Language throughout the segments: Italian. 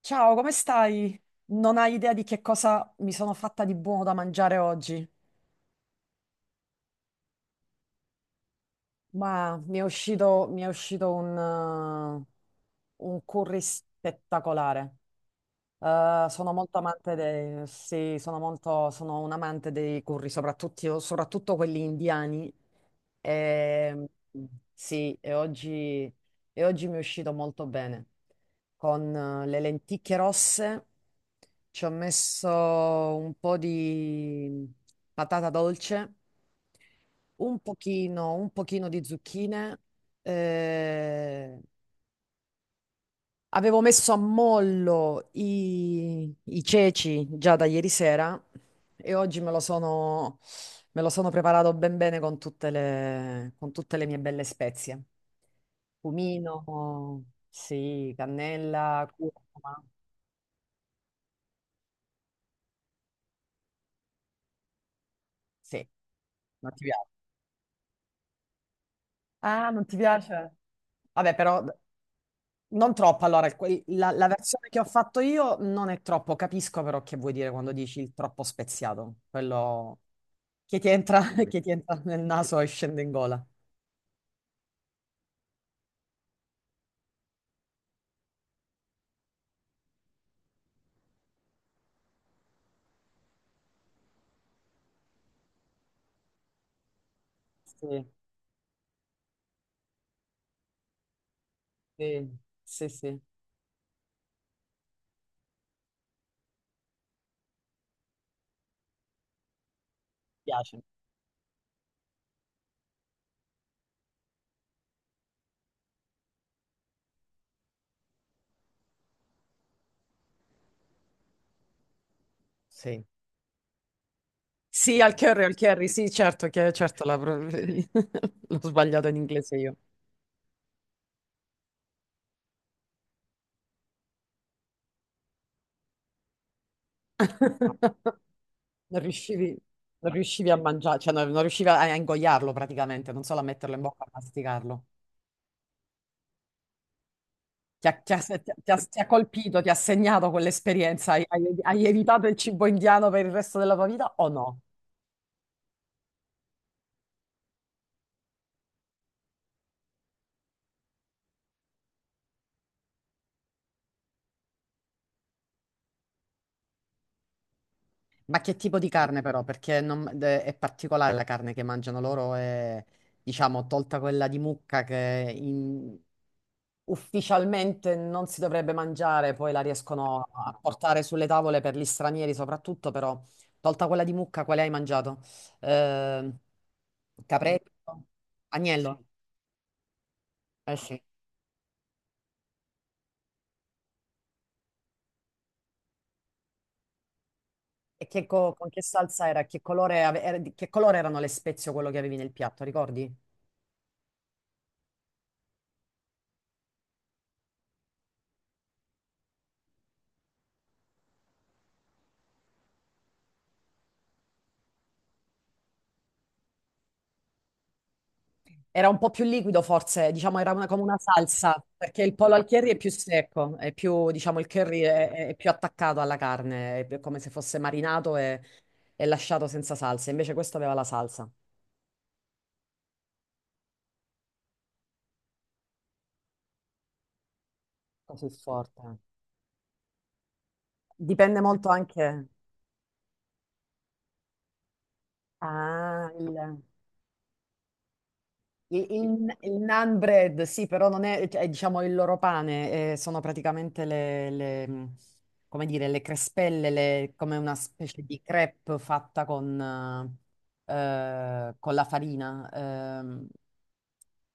Ciao, come stai? Non hai idea di che cosa mi sono fatta di buono da mangiare oggi, ma mi è uscito un curry spettacolare. Sono molto amante dei, sono un amante dei curry, soprattutto quelli indiani. E, sì, e oggi mi è uscito molto bene. Con le lenticchie rosse ci ho messo un po' di patata dolce, un pochino di zucchine, eh, avevo messo a mollo i ceci già da ieri sera e oggi me lo sono preparato ben bene con con tutte le mie belle spezie. Cumino, sì, cannella, curcuma, sì, non ti piace. Ah, non ti piace? Vabbè, però non troppo. Allora, la versione che ho fatto io non è troppo. Capisco però che vuoi dire quando dici il troppo speziato. Quello che ti entra, che ti entra nel naso e scende in gola. Sì, sì, sì, sì. Mi piace. Sì. Sì, al curry, sì, certo, certo la pro- l'ho sbagliato in inglese io. Non riuscivi, non riuscivi a mangiare, cioè non riuscivi a ingoiarlo praticamente, non solo a metterlo in bocca, a masticarlo. Ti ha, ti ha- ti ha- ti ha colpito, ti ha segnato quell'esperienza? Hai evitato il cibo indiano per il resto della tua vita o no? Ma che tipo di carne però? Perché è particolare la carne che mangiano loro e diciamo tolta quella di mucca che in- ufficialmente non si dovrebbe mangiare, poi la riescono a portare sulle tavole per gli stranieri soprattutto, però tolta quella di mucca, quale hai mangiato? Eh, capretto? Agnello? Eh sì. E che co- con che salsa era? Che colore, che colore erano le spezie o quello che avevi nel piatto, ricordi? Era un po' più liquido forse, diciamo era una- come una salsa, perché il pollo al curry è più secco, è più, diciamo, il curry è più attaccato alla carne, è come se fosse marinato e lasciato senza salsa, invece questo aveva la salsa, così forte. Dipende molto anche... Ah, il- il naan bread, sì, però non è, cioè, è, diciamo il loro pane, sono praticamente come dire, le crespelle, le- come una specie di crepe fatta con la farina,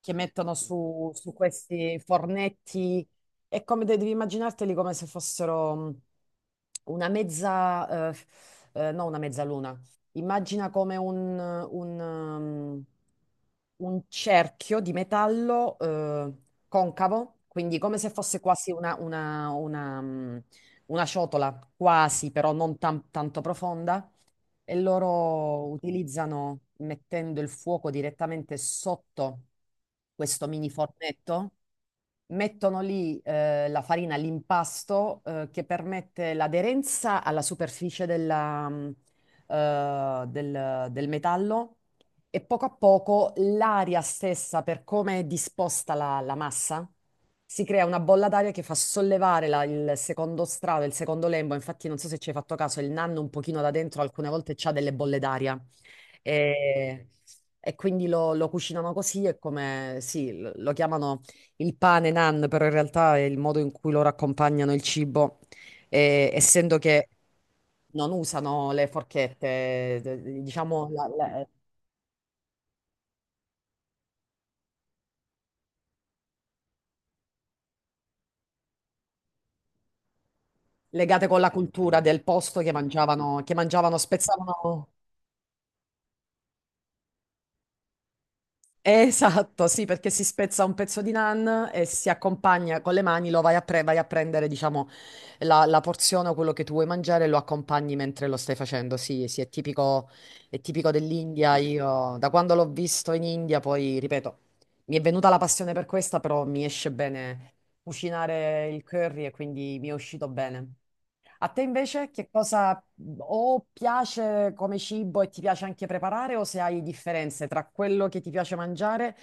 che mettono su, su questi fornetti e come de- devi immaginarteli come se fossero una mezza, no una mezzaluna. Immagina come un cerchio di metallo concavo, quindi come se fosse quasi una, una ciotola, quasi però non tan- tanto profonda, e loro utilizzano, mettendo il fuoco direttamente sotto questo mini fornetto, mettono lì la farina, l'impasto che permette l'aderenza alla superficie del, del metallo e poco a poco l'aria stessa, per come è disposta la massa, si crea una bolla d'aria che fa sollevare la- il secondo strato, il secondo lembo. Infatti, non so se ci hai fatto caso, il nanno un pochino da dentro alcune volte c'ha delle bolle d'aria. E... E quindi lo cucinano così, è come, sì, lo chiamano il pane nan, però in realtà è il modo in cui loro accompagnano il cibo essendo che non usano le forchette, diciamo, la- la- legate con la cultura del posto che mangiavano, spezzavano. Esatto, sì, perché si spezza un pezzo di naan e si accompagna con le mani, lo vai a, pre- vai a prendere, diciamo, la porzione o quello che tu vuoi mangiare e lo accompagni mentre lo stai facendo. Sì, sì, è tipico dell'India. Io, da quando l'ho visto in India, poi, ripeto, mi è venuta la passione per questa, però mi esce bene cucinare il curry e quindi mi è uscito bene. A te invece che cosa o piace come cibo e ti piace anche preparare o se hai differenze tra quello che ti piace mangiare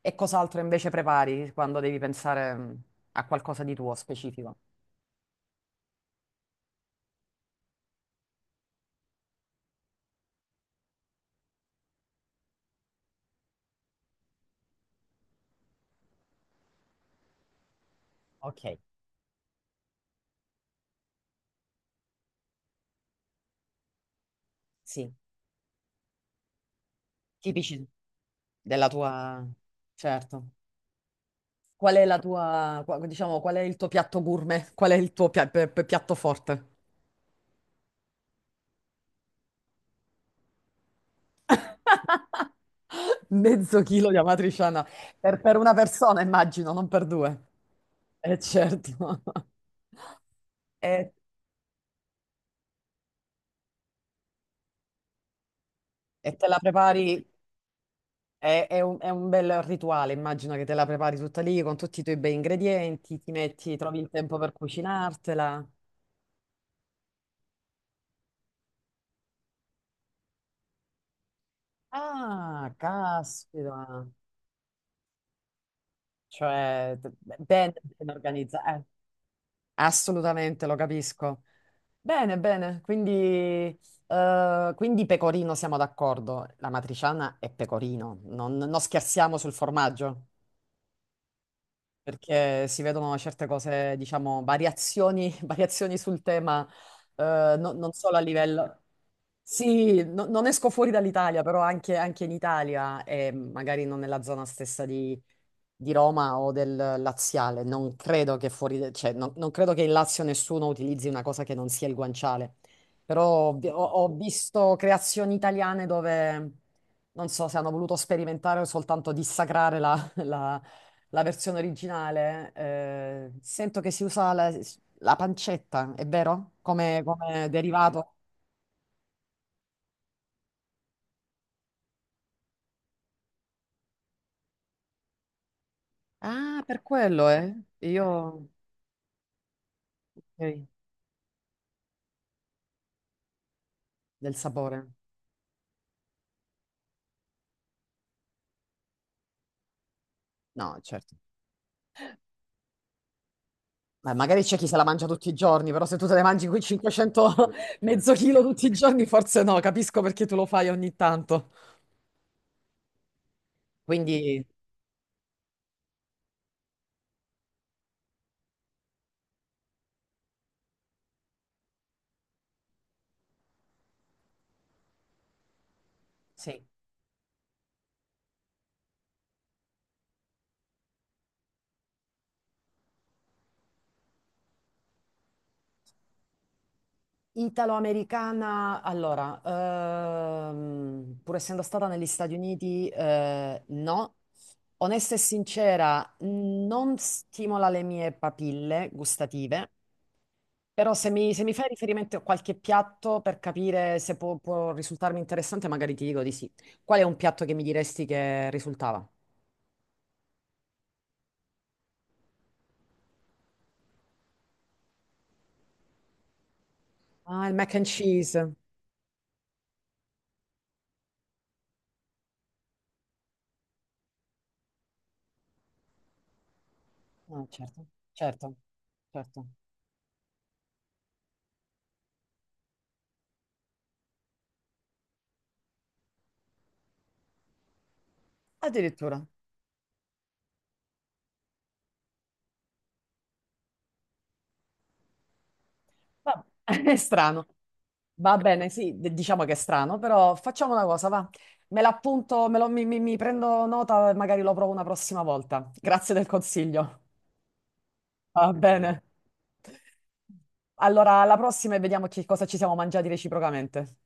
e cos'altro invece prepari quando devi pensare a qualcosa di tuo specifico? Ok, sì, tipici della tua... Certo. Qual è la tua, qua- diciamo, qual è il tuo piatto gourmet? Qual è il tuo piatto forte? Mezzo chilo di amatriciana per una persona, immagino, non per due. Eh certo. E, e te la prepari, è è un bel rituale, immagino che te la prepari tutta lì con tutti i tuoi bei ingredienti, ti metti, trovi il tempo per cucinartela. Ah, caspita. Cioè, t- bene ben organizzata. Assolutamente, lo capisco. Bene, bene, quindi, quindi pecorino siamo d'accordo. La matriciana è pecorino, non, non scherziamo sul formaggio perché si vedono certe cose, diciamo, variazioni, variazioni sul tema, no- non solo a livello... Sì, no- non esco fuori dall'Italia, però anche in Italia e magari non nella zona stessa di Roma o del Laziale. Non credo che fuori, cioè, non, non credo che in Lazio nessuno utilizzi una cosa che non sia il guanciale. Però vi- ho, ho visto creazioni italiane dove non so se hanno voluto sperimentare o soltanto dissacrare la, la versione originale, sento che si usa la, la pancetta, è vero? Come, come derivato? Ah, per quello, eh? Io... ok, del sapore. No, certo. Beh, magari c'è chi se la mangia tutti i giorni, però se tu te ne mangi quei 500 mezzo chilo tutti i giorni, forse no, capisco perché tu lo fai ogni tanto. Quindi, sì. Italo-americana, allora, pur essendo stata negli Stati Uniti, no. Onesta e sincera, non stimola le mie papille gustative, però se mi fai riferimento a qualche piatto per capire se può, può risultarmi interessante, magari ti dico di sì. Qual è un piatto che mi diresti che risultava? Ah, il mac and cheese. Ah, certo, certo, certo. Addirittura. Va- È strano. Va bene, sì, d- diciamo che è strano, però facciamo una cosa, va. Me l'appunto, me lo- mi- mi prendo nota e magari lo provo una prossima volta. Grazie del consiglio. Va bene. Allora, alla prossima e vediamo che cosa ci siamo mangiati reciprocamente.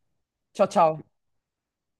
Ciao ciao.